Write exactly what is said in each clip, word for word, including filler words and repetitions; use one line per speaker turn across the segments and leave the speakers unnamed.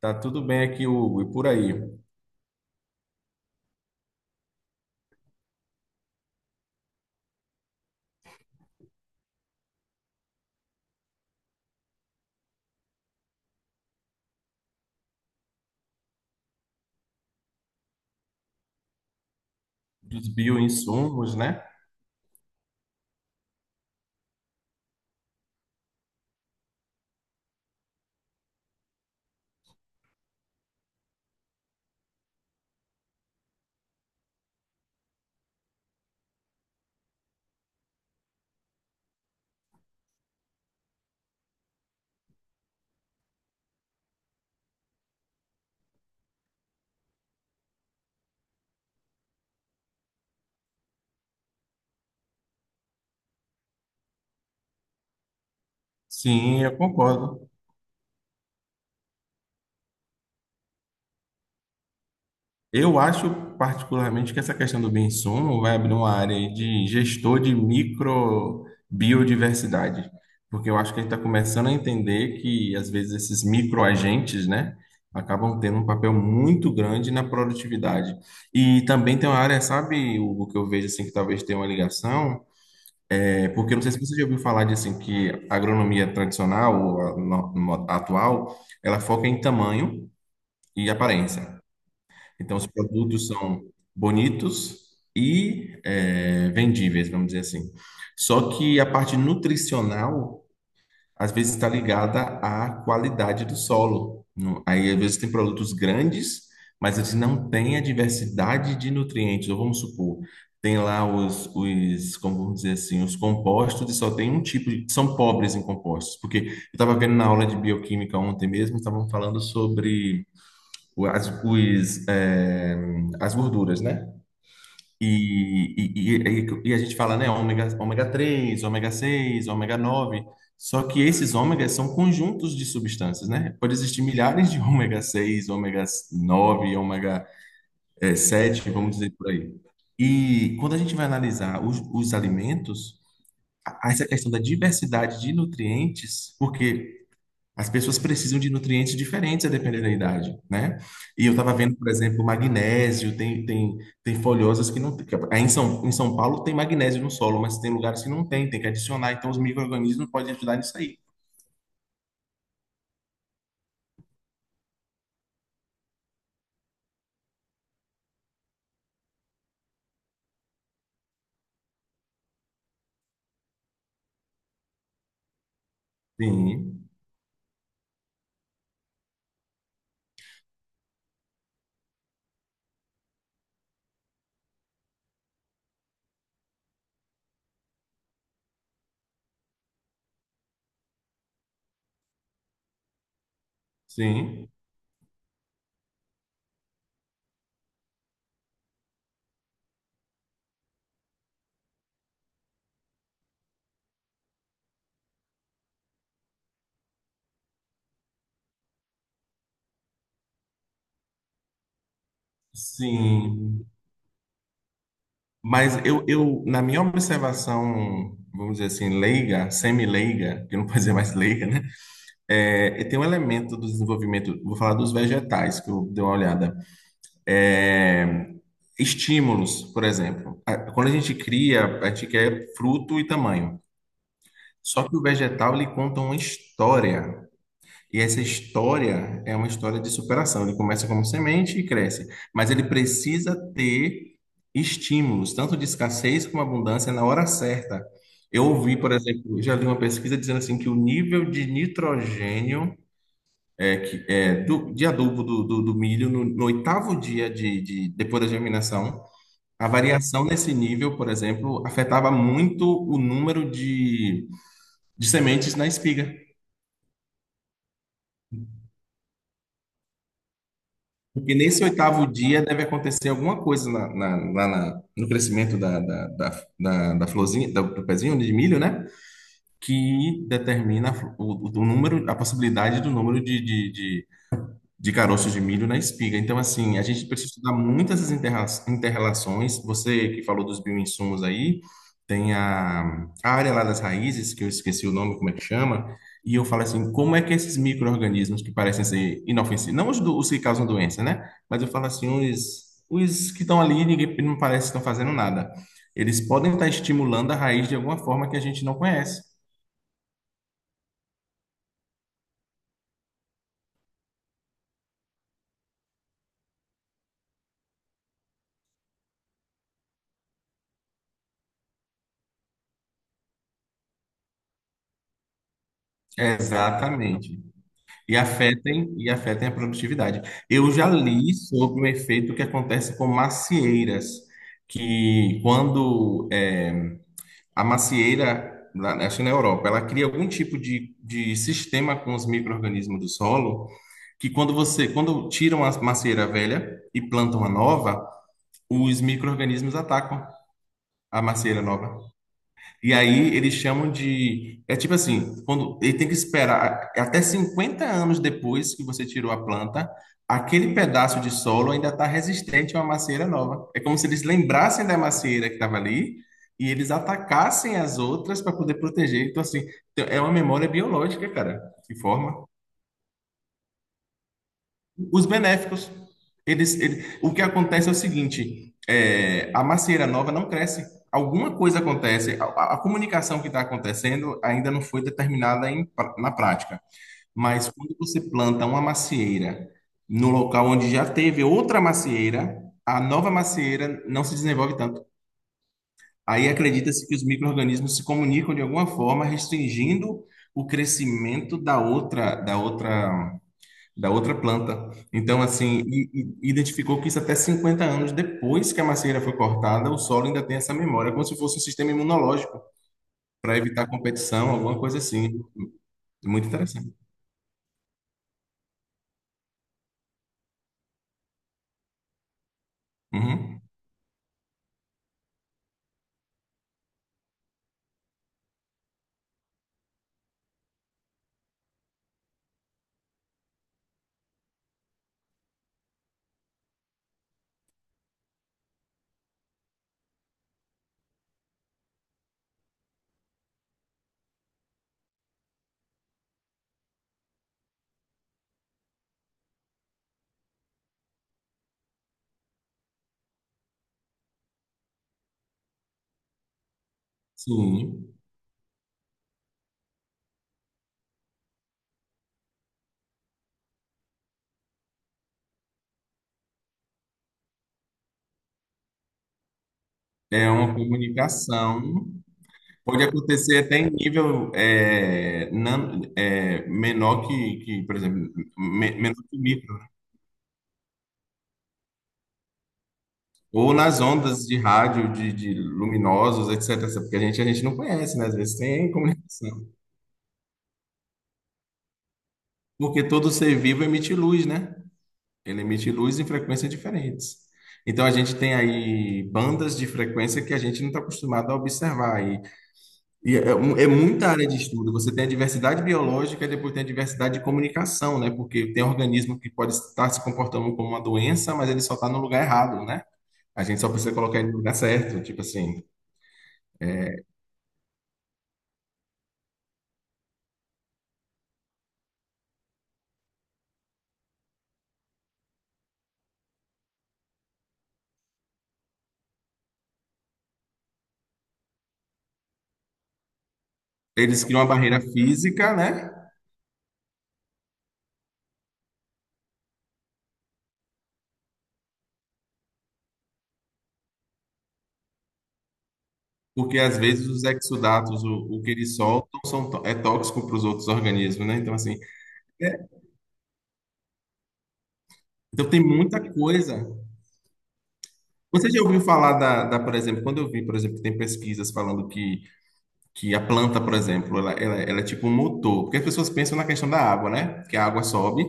Tá tudo bem aqui, Hugo, e por aí? Dos bioinsumos, né? Sim, eu concordo. Eu acho particularmente que essa questão do bioinsumo vai abrir uma área aí de gestor de microbiodiversidade, porque eu acho que a gente está começando a entender que às vezes esses microagentes, né, acabam tendo um papel muito grande na produtividade. E também tem uma área, sabe, Hugo, que eu vejo assim que talvez tenha uma ligação. É porque eu não sei se você já ouviu falar de assim que a agronomia tradicional, ou a no- no- atual, ela foca em tamanho e aparência. Então os produtos são bonitos e eh, vendíveis, vamos dizer assim. Só que a parte nutricional às vezes está ligada à qualidade do solo. No- Aí, às vezes, tem produtos grandes, mas eles não têm a diversidade de nutrientes. Ou vamos supor, tem lá os, os, como vamos dizer assim, os compostos, e só tem um tipo de, são pobres em compostos. Porque eu estava vendo na aula de bioquímica ontem mesmo, estavam falando sobre o- as, os, eh, as gorduras, né? E, e, e, e a gente fala, né, ômega, ômega três, ômega seis, ômega nove. Só que esses ômegas são conjuntos de substâncias, né? Pode existir milhares de ômega seis, ômega nove, ômega eh, sete, vamos dizer por aí. E quando a gente vai analisar os, os alimentos, a- essa questão da diversidade de nutrientes, porque as pessoas precisam de nutrientes diferentes a depender da idade, né? E eu estava vendo, por exemplo, magnésio, tem, tem, tem folhosas que não tem. que- Aí em São, em São Paulo tem magnésio no solo, mas tem lugares que não tem, tem que adicionar. Então os micro-organismos podem ajudar nisso aí. Sim, sim, sim. Mas eu, eu, na minha observação, vamos dizer assim, leiga, semi-leiga, que não pode dizer mais leiga, né? É, e tem um elemento do desenvolvimento, vou falar dos vegetais, que eu dei uma olhada. É, estímulos, por exemplo. A- Quando a gente cria, a gente quer fruto e tamanho. Só que o vegetal, ele conta uma história. E essa história é uma história de superação. Ele começa como semente e cresce. Mas ele precisa ter estímulos, tanto de escassez como abundância, na hora certa. Eu ouvi, por exemplo, já li uma pesquisa dizendo assim que o nível de nitrogênio é que é do, de adubo do, do, do milho no, no oitavo dia de, de depois da germinação, a variação nesse nível, por exemplo, afetava muito o número de, de sementes na espiga. Porque nesse oitavo dia deve acontecer alguma coisa na, na, na- na- no crescimento da, da, da, da, da florzinha, do, do pezinho de milho, né? Que determina a flo- o, o número, a possibilidade do número de caroços de milho na espiga. Então, assim, a gente precisa estudar muitas essas interra- interrelações. Você que falou dos bioinsumos aí, tem a, a área lá das raízes, que eu esqueci o nome, como é que chama, e eu falo assim, como é que esses micro-organismos que parecem ser inofensivos, não os, do- os que causam doença, né? Mas eu falo assim, os, os que estão ali, ninguém não parece que estão fazendo nada. Eles podem estar estimulando a raiz de alguma forma que a gente não conhece. Exatamente. E afetem, e afetem a produtividade. Eu já li sobre um efeito que acontece com macieiras, que quando é, a macieira, lá- acho que na Europa, ela cria algum tipo de, de sistema com os micro-organismos do solo, que quando você, quando tiram a macieira velha e plantam a nova, os micro-organismos atacam a macieira nova. E aí eles chamam de. É tipo assim, quando ele tem que esperar até cinquenta anos depois que você tirou a planta, aquele pedaço de solo ainda está resistente a uma macieira nova. É como se eles lembrassem da macieira que estava ali e eles atacassem as outras para poder proteger. Então, assim, então, é uma memória biológica, cara, que forma. Os benéficos. Eles, ele- o que acontece é o seguinte: é, a macieira nova não cresce. Alguma coisa acontece. A, a- comunicação que está acontecendo ainda não foi determinada em na prática. Mas quando você planta uma macieira no local onde já teve outra macieira, a nova macieira não se desenvolve tanto. Aí acredita-se que os micro-organismos se comunicam de alguma forma, restringindo o crescimento da outra, da outra da outra planta. Então, assim, e- e- identificou que isso até cinquenta anos depois que a macieira foi cortada, o solo ainda tem essa memória, como se fosse um sistema imunológico para evitar competição, alguma coisa assim. Muito interessante. Uhum. Sim, é uma comunicação. Pode acontecer até em nível é, nan- é, menor que, que, por exemplo, me- menor que micro. Ou nas ondas de rádio, de, de luminosos, et cetera. Porque a gente, a gente não conhece, né? Às vezes tem comunicação. Porque todo ser vivo emite luz, né? Ele emite luz em frequências diferentes. Então a gente tem aí bandas de frequência que a gente não está acostumado a observar. E, e é, um- é muita área de estudo. Você tem a diversidade biológica e depois tem a diversidade de comunicação, né? Porque tem organismo que pode estar se comportando como uma doença, mas ele só está no lugar errado, né? A gente só precisa colocar ele no lugar certo. Tipo assim, eles criam uma barreira física, né? Porque às vezes os exudatos, o, o que eles soltam, são, tó- é tóxico para os outros organismos, né? Então, assim. É, Então tem muita coisa. Você já ouviu falar da, da, por exemplo, quando eu vi, por exemplo, que tem pesquisas falando que, que a planta, por exemplo, ela, ela, ela é tipo um motor, porque as pessoas pensam na questão da água, né? Que a água sobe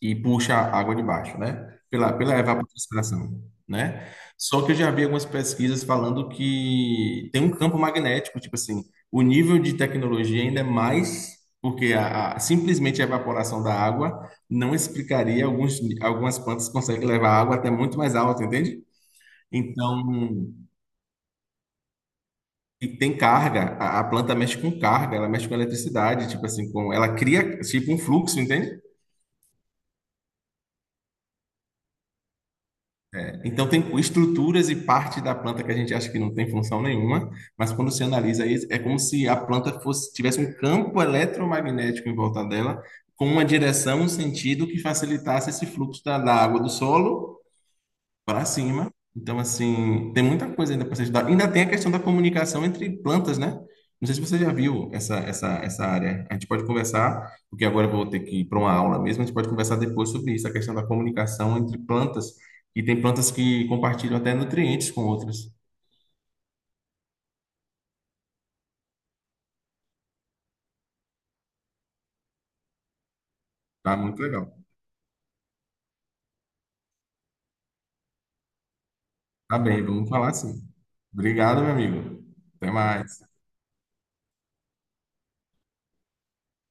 e puxa a água de baixo, né? Pela, pela evapotranspiração, né? Só que eu já vi algumas pesquisas falando que tem um campo magnético, tipo assim, o nível de tecnologia ainda é mais, porque a, a- simplesmente a evaporação da água não explicaria alguns, algumas plantas conseguem levar água até muito mais alto, entende? Então, e tem carga, a, a planta mexe com carga, ela mexe com eletricidade, tipo assim, com, ela cria tipo um fluxo, entende? Então, tem estruturas e parte da planta que a gente acha que não tem função nenhuma, mas quando se analisa isso, é como se a planta fosse, tivesse um campo eletromagnético em volta dela, com uma direção, um sentido que facilitasse esse fluxo da, da água do solo para cima. Então, assim, tem muita coisa ainda para se estudar. Ainda tem a questão da comunicação entre plantas, né? Não sei se você já viu essa, essa, essa área. A gente pode conversar, porque agora eu vou ter que ir para uma aula mesmo. A gente pode conversar depois sobre isso, a questão da comunicação entre plantas. E tem plantas que compartilham até nutrientes com outras. Tá muito legal. Tá bem, vamos falar assim. Obrigado, meu amigo. Até mais.